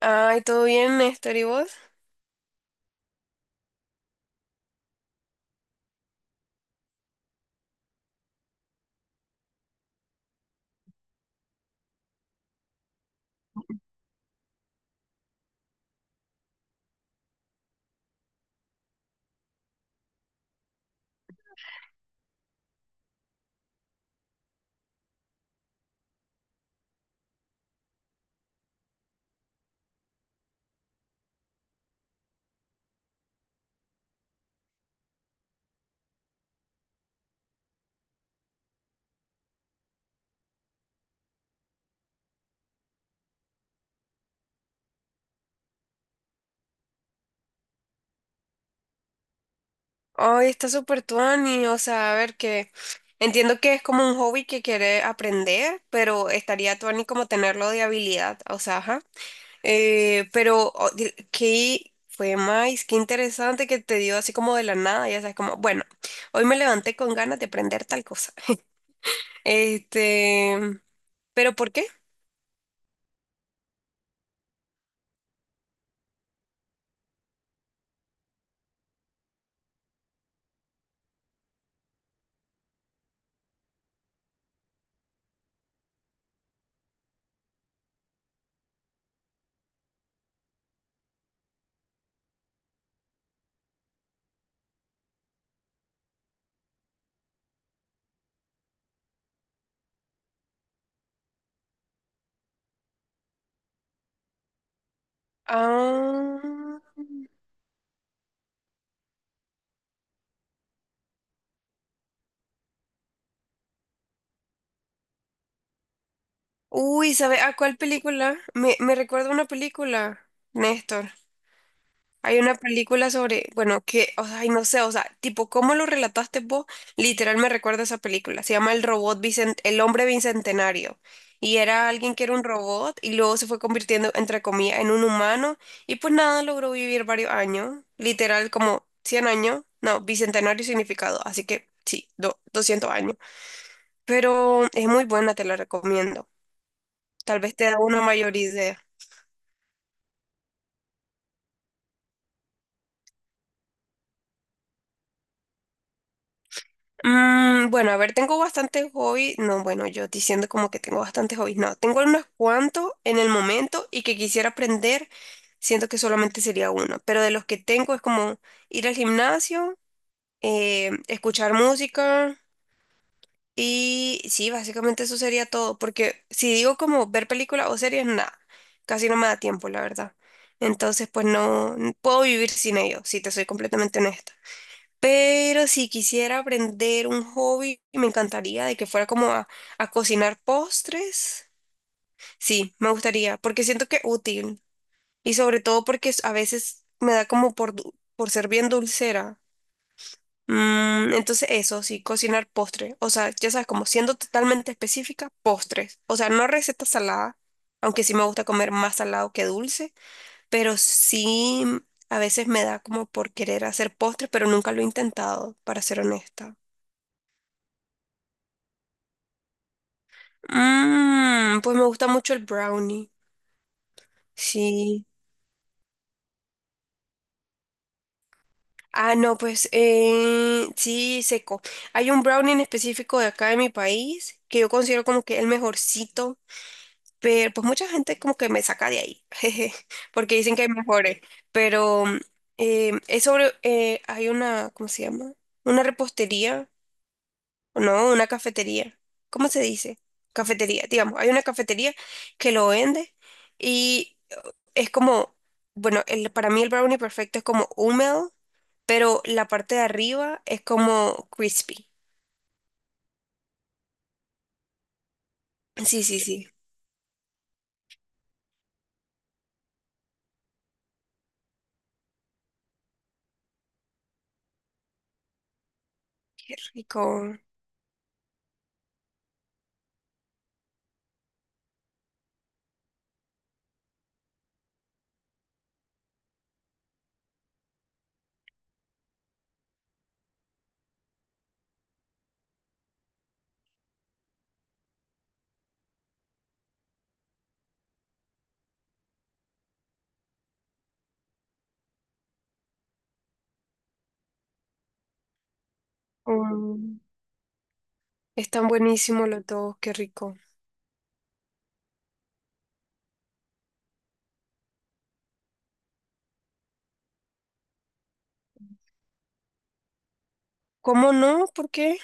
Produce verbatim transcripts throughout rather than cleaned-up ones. Ay, todo bien, Néstor, ¿y vos? Ay, está súper tuani, o sea, a ver que entiendo que es como un hobby que quiere aprender, pero estaría tuani como tenerlo de habilidad, o sea, ajá. Eh, pero o- di- qué fue más, qué interesante que te dio así como de la nada, ya sabes, como, bueno, hoy me levanté con ganas de aprender tal cosa. Este, ¿pero por qué? Ah, uy, ¿sabes a cuál película? Me, me recuerda a una película, Néstor. Hay una película sobre, bueno, que, o sea, ay, no sé, o sea, tipo, ¿cómo lo relataste vos? Literal me recuerda esa película. Se llama El robot bicen- El hombre bicentenario. Y era alguien que era un robot y luego se fue convirtiendo, entre comillas, en un humano. Y pues nada, logró vivir varios años. Literal, como cien años. No, bicentenario significado. Así que sí, do- doscientos años. Pero es muy buena, te la recomiendo. Tal vez te da una mayor idea. Mm, bueno, a ver, tengo bastantes hobbies. No, bueno, yo diciendo como que tengo bastantes hobbies. No, tengo unos cuantos en el momento y que quisiera aprender. Siento que solamente sería uno. Pero de los que tengo es como ir al gimnasio, eh, escuchar música y sí, básicamente eso sería todo. Porque si digo como ver películas o series, nada. Casi no me da tiempo, la verdad. Entonces, pues no no puedo vivir sin ellos, si te soy completamente honesta. Pero si quisiera aprender un hobby, me encantaría de que fuera como a, a cocinar postres. Sí, me gustaría, porque siento que es útil. Y sobre todo porque s- a veces me da como por, du- por ser bien dulcera. Mm, entonces eso, sí, cocinar postres. O sea, ya sabes, como siendo totalmente específica, postres. O sea, no recetas saladas, aunque sí me gusta comer más salado que dulce, pero sí a veces me da como por querer hacer postres, pero nunca lo he intentado, para ser honesta. Mm, pues me gusta mucho el brownie. Sí. Ah, no, pues eh, sí, seco. Hay un brownie en específico de acá de mi país que yo considero como que el mejorcito, pero pues mucha gente como que me saca de ahí, jeje, porque dicen que hay mejores. Pero eh, es sobre, eh, hay una, ¿cómo se llama? Una repostería, o no, una cafetería. ¿Cómo se dice? Cafetería, digamos, hay una cafetería que lo vende. Y es como, bueno, el, para mí el brownie perfecto es como húmedo, pero la parte de arriba es como crispy. Sí, sí, sí, qué rico. Mm, están buenísimos los dos, qué rico. ¿Cómo no? ¿Por qué?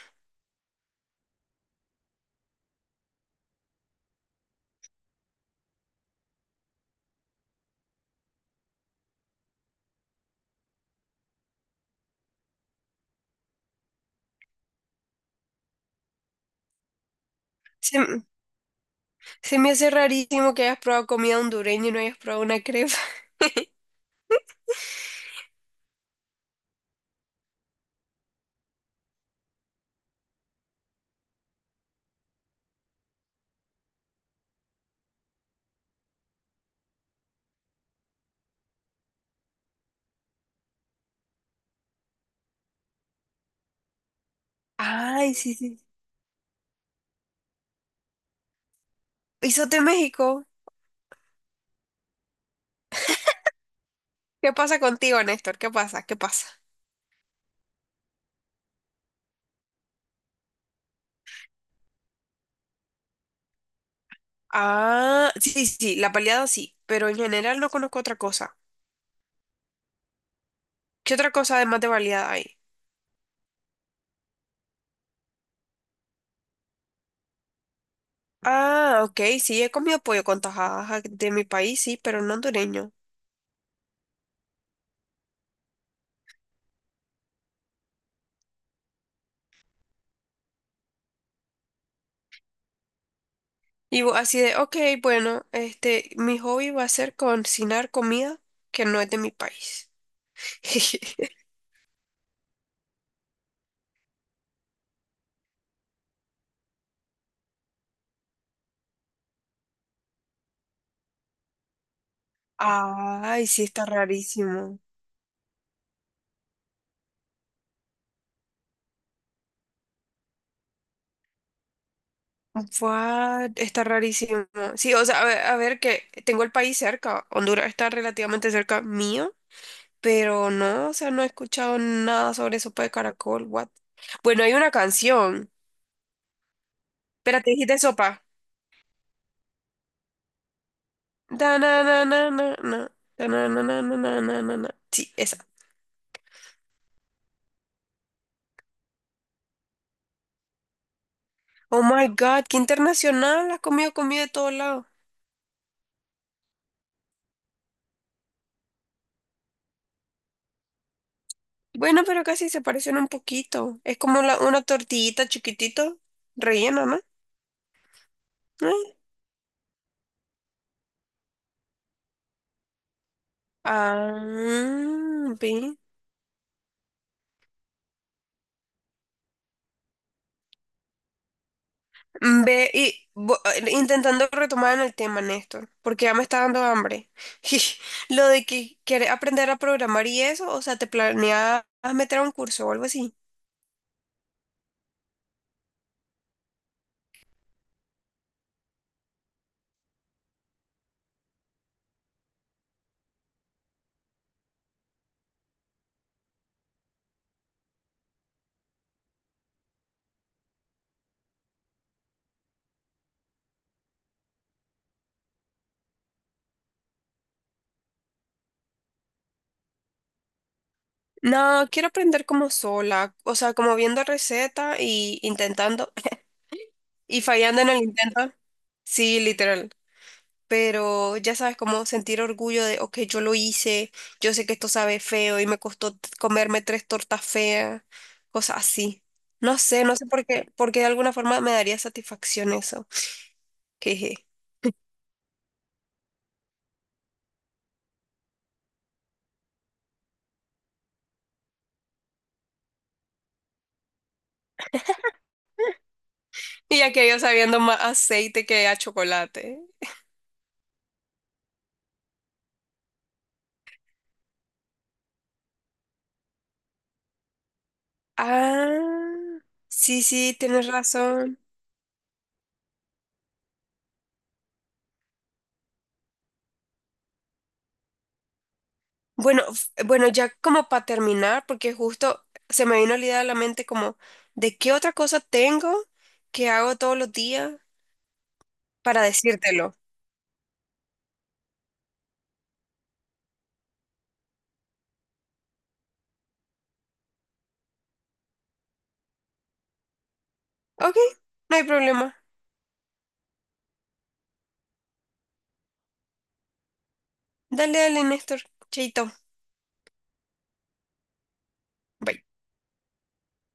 Se, m- se me hace rarísimo que hayas probado comida hondureña y no hayas probado una crepa. Ay, sí, sí. Isote México. ¿Qué pasa contigo, Néstor? ¿Qué pasa? ¿Qué pasa? Ah, sí, sí, sí, la baleada sí, pero en general no conozco otra cosa. ¿Qué otra cosa además de baleada hay? Ah, ok, sí, he comido pollo con tajadas de mi país, sí, pero no hondureño. Y bu- así de, ok, bueno, este, mi hobby va a ser cocinar comida que no es de mi país. Ay, sí, está rarísimo. What? Está rarísimo. Sí, o sea, a ver, a ver que tengo el país cerca, Honduras está relativamente cerca mío, pero no, o sea, no he escuchado nada sobre sopa de caracol, what? Bueno, hay una canción. Espérate, dijiste sopa. Da, na, na, na, na, na. Da, na, na, na, na, na, na, na, na. Sí, esa. Oh my God, qué internacional. Has comido comida de todos lados. Bueno, pero casi se parecen un poquito. Es como la- una tortillita chiquitito, rellena, ¿no? ¿Eh? Ah, ve. Ve, y bo- intentando retomar en el tema, Néstor, porque ya me está dando hambre. Lo de que quieres aprender a programar y eso, o sea, ¿te planeas meter a un curso o algo así? No, quiero aprender como sola, o sea, como viendo recetas y intentando y fallando en el intento. Sí, literal. Pero ya sabes, como sentir orgullo de, ok, yo lo hice, yo sé que esto sabe feo y me costó t- comerme tres tortas feas, cosas así. No sé, no sé por qué, porque de alguna forma me daría satisfacción eso. Jeje. Y ya que yo sabiendo más aceite que a chocolate. Ah, sí, sí, tienes razón. Bueno, f- bueno, ya como para terminar, porque justo se me vino la idea a la mente como, ¿de qué otra cosa tengo que hago todos los días para decírtelo? Ok, no hay problema. Dale, dale, Néstor. Chaito. Bye.